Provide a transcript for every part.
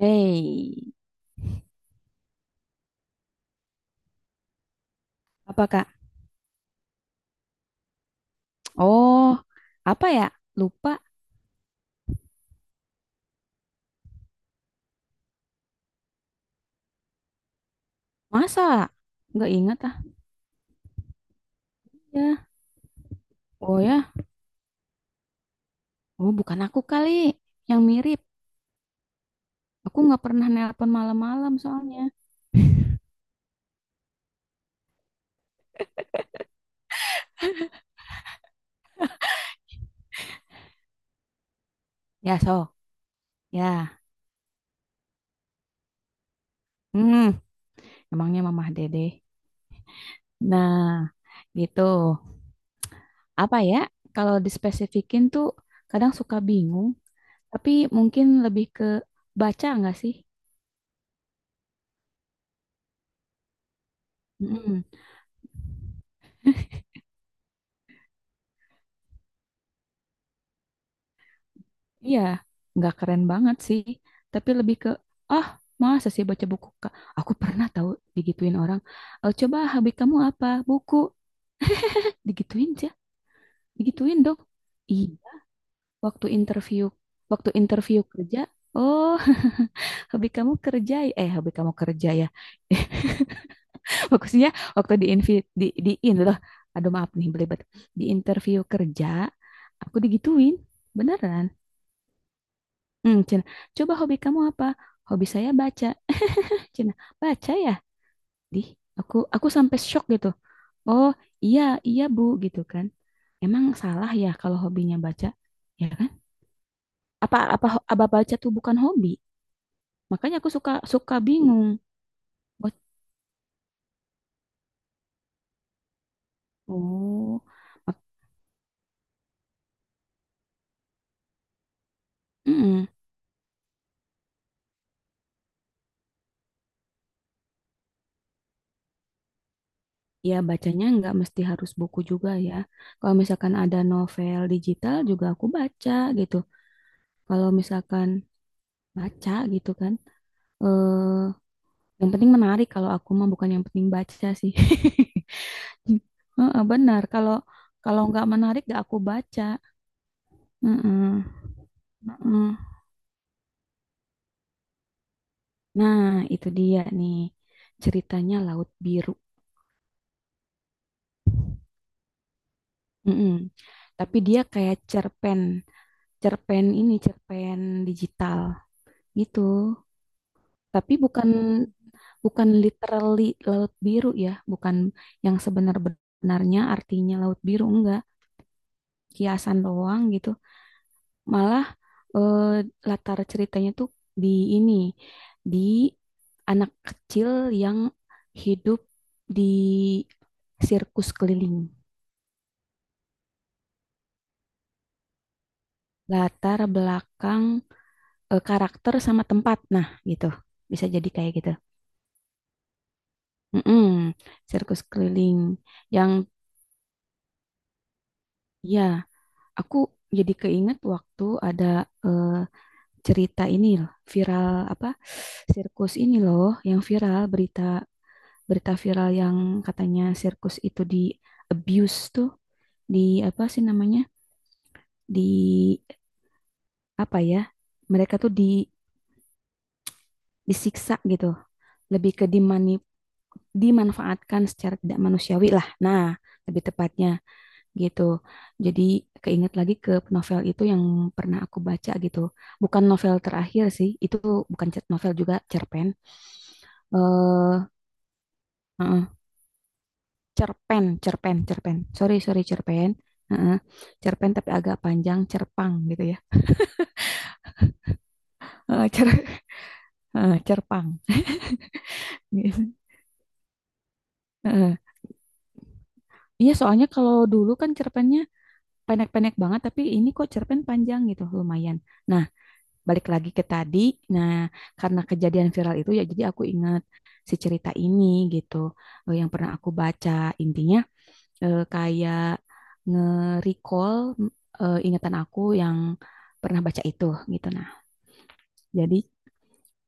Hei, apa Kak? Oh, apa ya? Lupa. Masa? Nggak ingat ah. Ya. Oh ya, oh bukan aku kali yang mirip. Aku nggak pernah nelpon malam-malam soalnya. Ya, so. Ya. Hmm, emangnya Mamah Dede. Nah, gitu. Apa ya? Kalau dispesifikin tuh kadang suka bingung, tapi mungkin lebih ke baca nggak sih? Mm-mm. Iya, nggak keren banget sih. Tapi lebih ke, ah, masa sih baca buku, Kak? Aku pernah tahu digituin orang, "Eh, coba hobi kamu apa? Buku. Digituin aja, digituin dong. Iya, waktu interview, waktu interview kerja, oh, hobi kamu kerja ya? Eh, hobi kamu kerja ya. Maksudnya waktu di invi, di in loh. Aduh, maaf nih, belibet. Di interview kerja, aku digituin. Beneran. Hmm, Cen, coba hobi kamu apa? Hobi saya baca. Cina baca ya di aku sampai shock gitu. Oh iya, iya bu gitu kan. Emang salah ya kalau hobinya baca, ya kan? Apa apa ho- apa baca tuh bukan hobi. Makanya aku suka suka bingung. Bo- oh mak- mm-mm. Ya bacanya nggak mesti harus buku juga ya, kalau misalkan ada novel digital juga aku baca gitu. Kalau misalkan baca gitu kan, eh yang penting menarik, kalau aku mah bukan yang penting baca sih. Heeh, benar. Kalau kalau nggak menarik, nggak aku baca. Heeh, heeh. Nah, itu dia nih, ceritanya Laut Biru. Heeh. Tapi dia kayak cerpen, cerpen, ini cerpen digital gitu. Tapi bukan, bukan literally Laut Biru ya, bukan yang sebenar-benarnya artinya Laut Biru, enggak. Kiasan doang gitu. Malah eh, latar ceritanya tuh di ini, di anak kecil yang hidup di sirkus keliling. Latar belakang karakter sama tempat. Nah, gitu. Bisa jadi kayak gitu. Mm-mm, sirkus keliling yang ya. Aku jadi keinget waktu ada, eh, cerita ini loh, viral apa? Sirkus ini loh yang viral, berita, berita viral yang katanya sirkus itu di abuse tuh, di apa sih namanya, di apa ya, mereka tuh di disiksa gitu, lebih ke dimani, dimanfaatkan secara tidak manusiawi lah. Nah, lebih tepatnya gitu. Jadi keinget lagi ke novel itu yang pernah aku baca gitu. Bukan novel terakhir sih itu, bukan cer- novel juga, cerpen. Eh cerpen, cerpen, cerpen. Sorry, sorry, cerpen. Heeh. Cerpen tapi agak panjang, cerpang gitu ya. Heeh, cerpang. Gitu. Iya, soalnya kalau dulu kan cerpennya pendek-pendek banget, tapi ini kok cerpen panjang gitu, lumayan. Nah, balik lagi ke tadi. Nah, karena kejadian viral itu ya, jadi aku ingat si cerita ini gitu, yang pernah aku baca. Intinya kayak nge-recall ingatan aku yang pernah baca itu gitu. Nah, jadi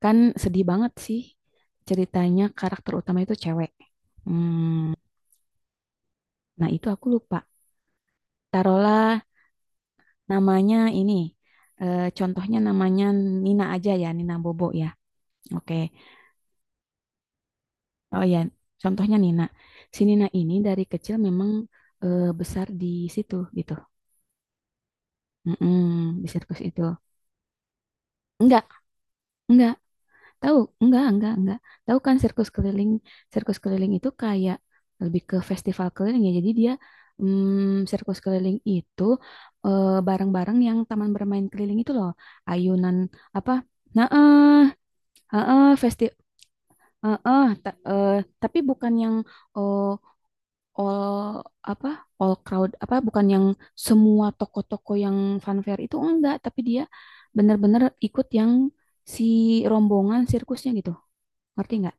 kan sedih banget sih ceritanya, karakter utama itu cewek. Hmm, nah itu aku lupa. Taruhlah namanya ini, contohnya namanya Nina aja ya, Nina Bobo ya. Oke. Oh ya, contohnya Nina. Si Nina ini dari kecil memang besar di situ gitu. Mm-mm, di sirkus itu. Enggak, enggak. Tahu? Enggak, enggak. Tahu kan sirkus keliling? Sirkus keliling itu kayak lebih ke festival keliling ya. Jadi dia sirkus keliling itu barang-barang yang taman bermain keliling itu loh. Ayunan apa? Nah, eh, heeh, festi heeh, ta- eh, tapi bukan yang eh, all apa? All crowd apa, bukan yang semua toko-toko yang funfair itu, enggak, tapi dia benar-benar ikut yang si rombongan sirkusnya gitu. Ngerti nggak?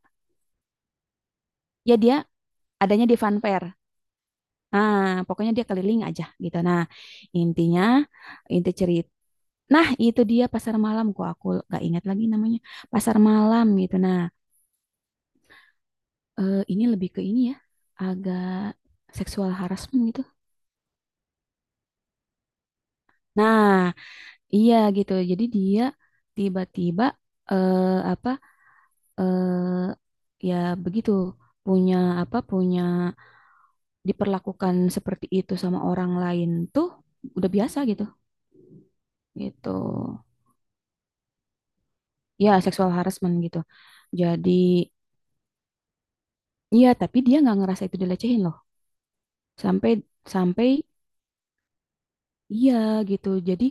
Ya dia adanya di Funfair. Nah, pokoknya dia keliling aja gitu. Nah, intinya, inti cerita. Nah, itu dia pasar malam, kok aku gak ingat lagi namanya. Pasar malam gitu. Nah, ini lebih ke ini ya. Agak seksual harassment gitu. Nah, iya gitu. Jadi dia tiba-tiba eh apa eh ya begitu punya, punya diperlakukan seperti itu sama orang lain tuh udah biasa gitu. Gitu. Ya seksual harassment gitu. Jadi iya, tapi dia nggak ngerasa itu dilecehin loh. Sampai sampai iya gitu. Jadi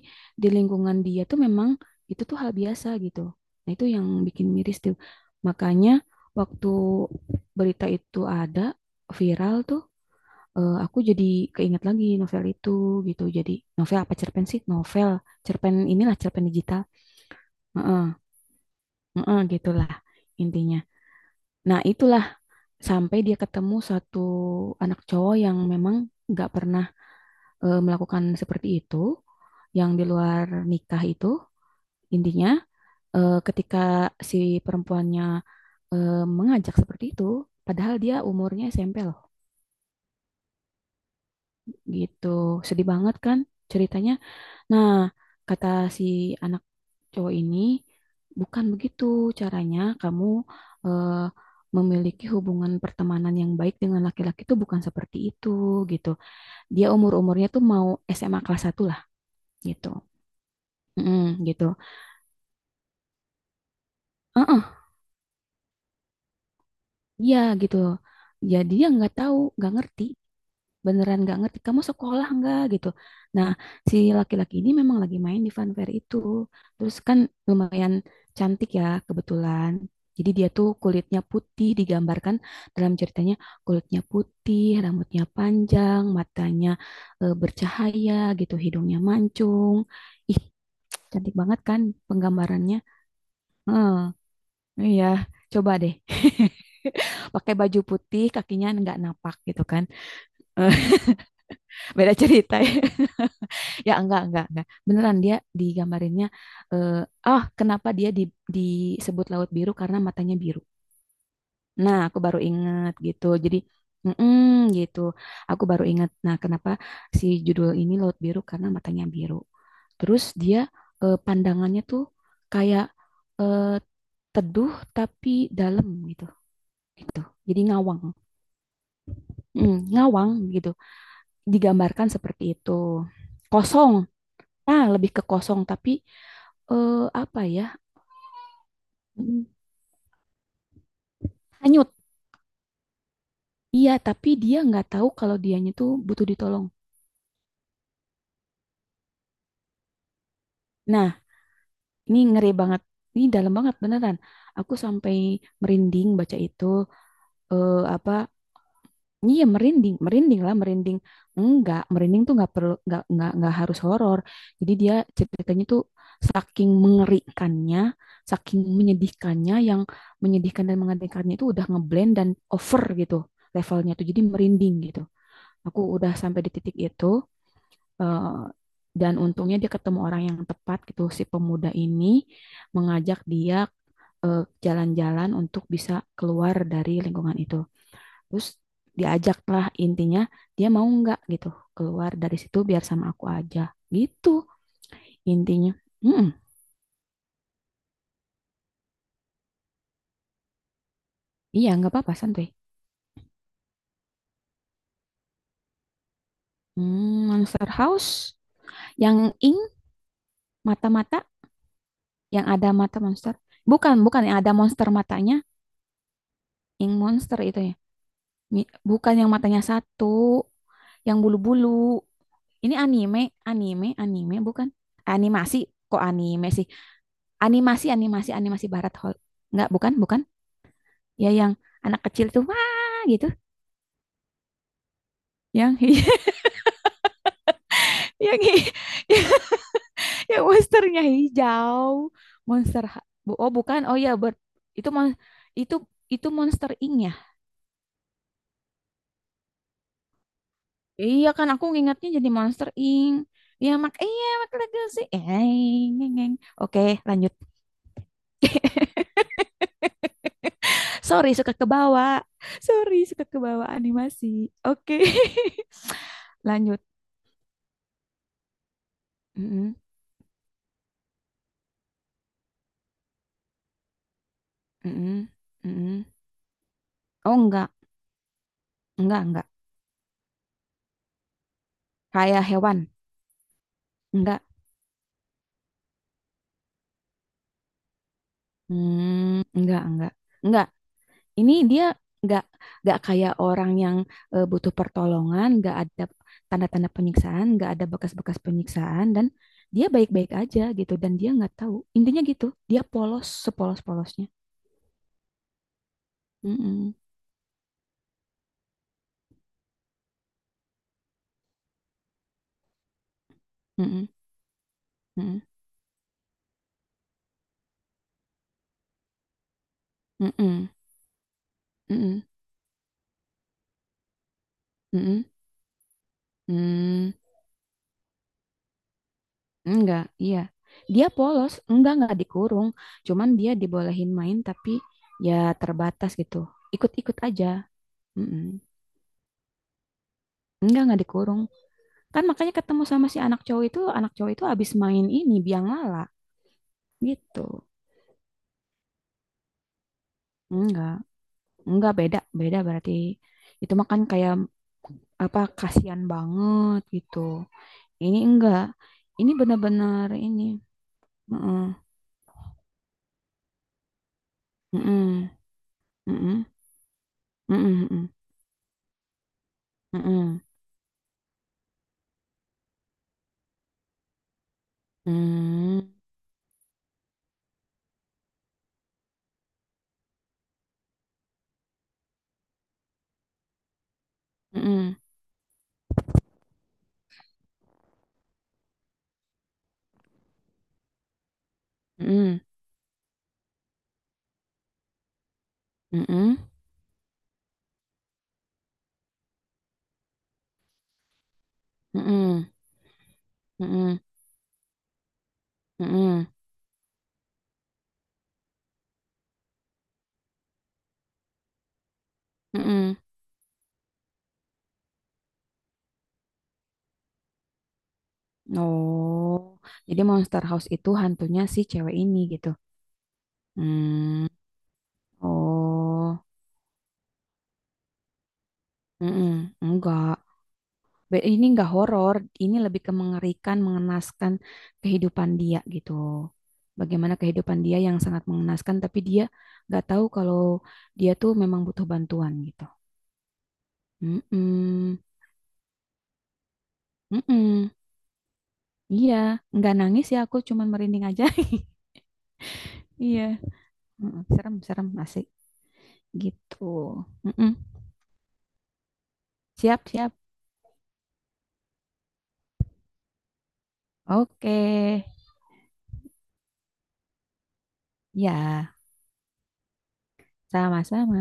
di lingkungan dia tuh memang itu tuh hal biasa gitu. Nah itu yang bikin miris tuh. Makanya waktu berita itu ada viral tuh, aku jadi keinget lagi novel itu gitu. Jadi novel apa cerpen sih? Novel, cerpen, inilah cerpen digital. Heeh, heeh, gitulah intinya. Nah, itulah, sampai dia ketemu satu anak cowok yang memang nggak pernah melakukan seperti itu, yang di luar nikah itu. Intinya, ketika si perempuannya mengajak seperti itu, padahal dia umurnya SMP loh, gitu. Sedih banget kan ceritanya. Nah, kata si anak cowok ini, bukan begitu caranya kamu eh, memiliki hubungan pertemanan yang baik dengan laki-laki, itu bukan seperti itu gitu. Dia umur-umurnya tuh mau SMA kelas satu lah gitu. Mm, gitu. Heeh, iya gitu. Jadi dia nggak tahu, nggak ngerti, beneran nggak ngerti. Kamu sekolah nggak gitu. Nah, si laki-laki ini memang lagi main di funfair itu. Terus kan lumayan cantik ya kebetulan. Jadi dia tuh kulitnya putih, digambarkan dalam ceritanya kulitnya putih, rambutnya panjang, matanya bercahaya gitu, hidungnya mancung. Ih, cantik banget kan penggambarannya. Heeh, iya, coba deh. Pakai baju putih, kakinya nggak napak gitu kan. Eh, Beda cerita ya. Ya enggak, enggak. Beneran dia digambarinnya, eh, ah kenapa dia disebut laut biru? Karena matanya biru. Nah, aku baru inget gitu. Jadi, mm gitu. Aku baru inget. Nah, kenapa si judul ini laut biru? Karena matanya biru. Terus dia pandangannya tuh kayak eh, teduh tapi dalam gitu. Gitu. Jadi ngawang, ngawang gitu. Digambarkan seperti itu. Kosong, nah lebih ke kosong tapi apa ya? mm, Hanyut. Iya, tapi dia nggak tahu kalau dianya tuh butuh ditolong. Nah, ini ngeri banget. Ini dalam banget beneran. Aku sampai merinding baca itu. Eh, apa Iya merinding, merinding lah, merinding. Enggak, merinding tuh nggak perlu, nggak nggak harus horor. Jadi dia ceritanya tuh saking mengerikannya, saking menyedihkannya, yang menyedihkan dan mengerikannya itu udah ngeblend dan over gitu levelnya tuh. Jadi merinding gitu. Aku udah sampai di titik itu, eh, dan untungnya dia ketemu orang yang tepat gitu. Si pemuda ini mengajak dia jalan-jalan untuk bisa keluar dari lingkungan itu. Terus diajak lah, intinya dia mau nggak gitu keluar dari situ biar sama aku aja gitu intinya. Mm-mm. Iya nggak apa-apa santuy. Hmm, Monster House yang ing mata-mata, yang ada mata monster. Bukan, bukan yang ada monster matanya, ink monster itu ya. Bukan yang matanya satu, yang bulu-bulu. Ini anime, anime bukan, animasi, kok anime sih, animasi animasi animasi barat hol. Nggak, bukan, bukan. Ya yang anak kecil tuh wah gitu, yang yang yang, monsternya hijau. Oh bukan, oh ya ber, itu mon itu itu monster ink ya. Iya kan aku ingatnya jadi monster ink ya. Mak iya mak Legacy eh eng, eng, oke, lanjut. Sorry suka ke bawah. Sorry suka ke bawah animasi. Oke. Lanjut. Mm-mm, mm-mm, mm-mm. Oh enggak kayak hewan, enggak. Hmm, enggak, enggak. Enggak. Ini dia enggak enggak kayak orang yang butuh pertolongan, enggak ada tanda-tanda penyiksaan, enggak ada bekas-bekas penyiksaan dan dia baik-baik aja gitu dan dia enggak tahu. Intinya gitu, dia polos sepolos-polosnya. Mm-mm, mm-mm, mm-mm, mm-mm, mm-mm, mm-mm, mm. Enggak, iya. Dia polos, enggak dikurung, cuman dia dibolehin main tapi ya terbatas gitu. Ikut-ikut aja. Mm-mm. Enggak dikurung. Kan makanya ketemu sama si anak cowok itu abis main ini biang lala gitu. Enggak, enggak beda, beda berarti itu mah kan kayak apa, kasihan banget gitu. Ini enggak, ini benar-benar ini. Heeh, heeh, heeh, heeh, heeh, heeh, heeh, heeh, heeh, heeh, heeh, heeh, heeh, heeh. Oh, jadi Monster House itu hantunya si cewek ini gitu. Hmm, oh, mm-mm, enggak. Ini enggak horor, ini lebih ke mengerikan, mengenaskan kehidupan dia gitu. Bagaimana kehidupan dia yang sangat mengenaskan, tapi dia nggak tahu kalau dia tuh memang butuh bantuan gitu. Mm-mm, mm-mm. Iya, nggak nangis ya, aku cuman merinding aja. Iya, mm-mm, serem, serem, asik gitu. Mm-mm. Siap, siap. Oke, ya, sama-sama.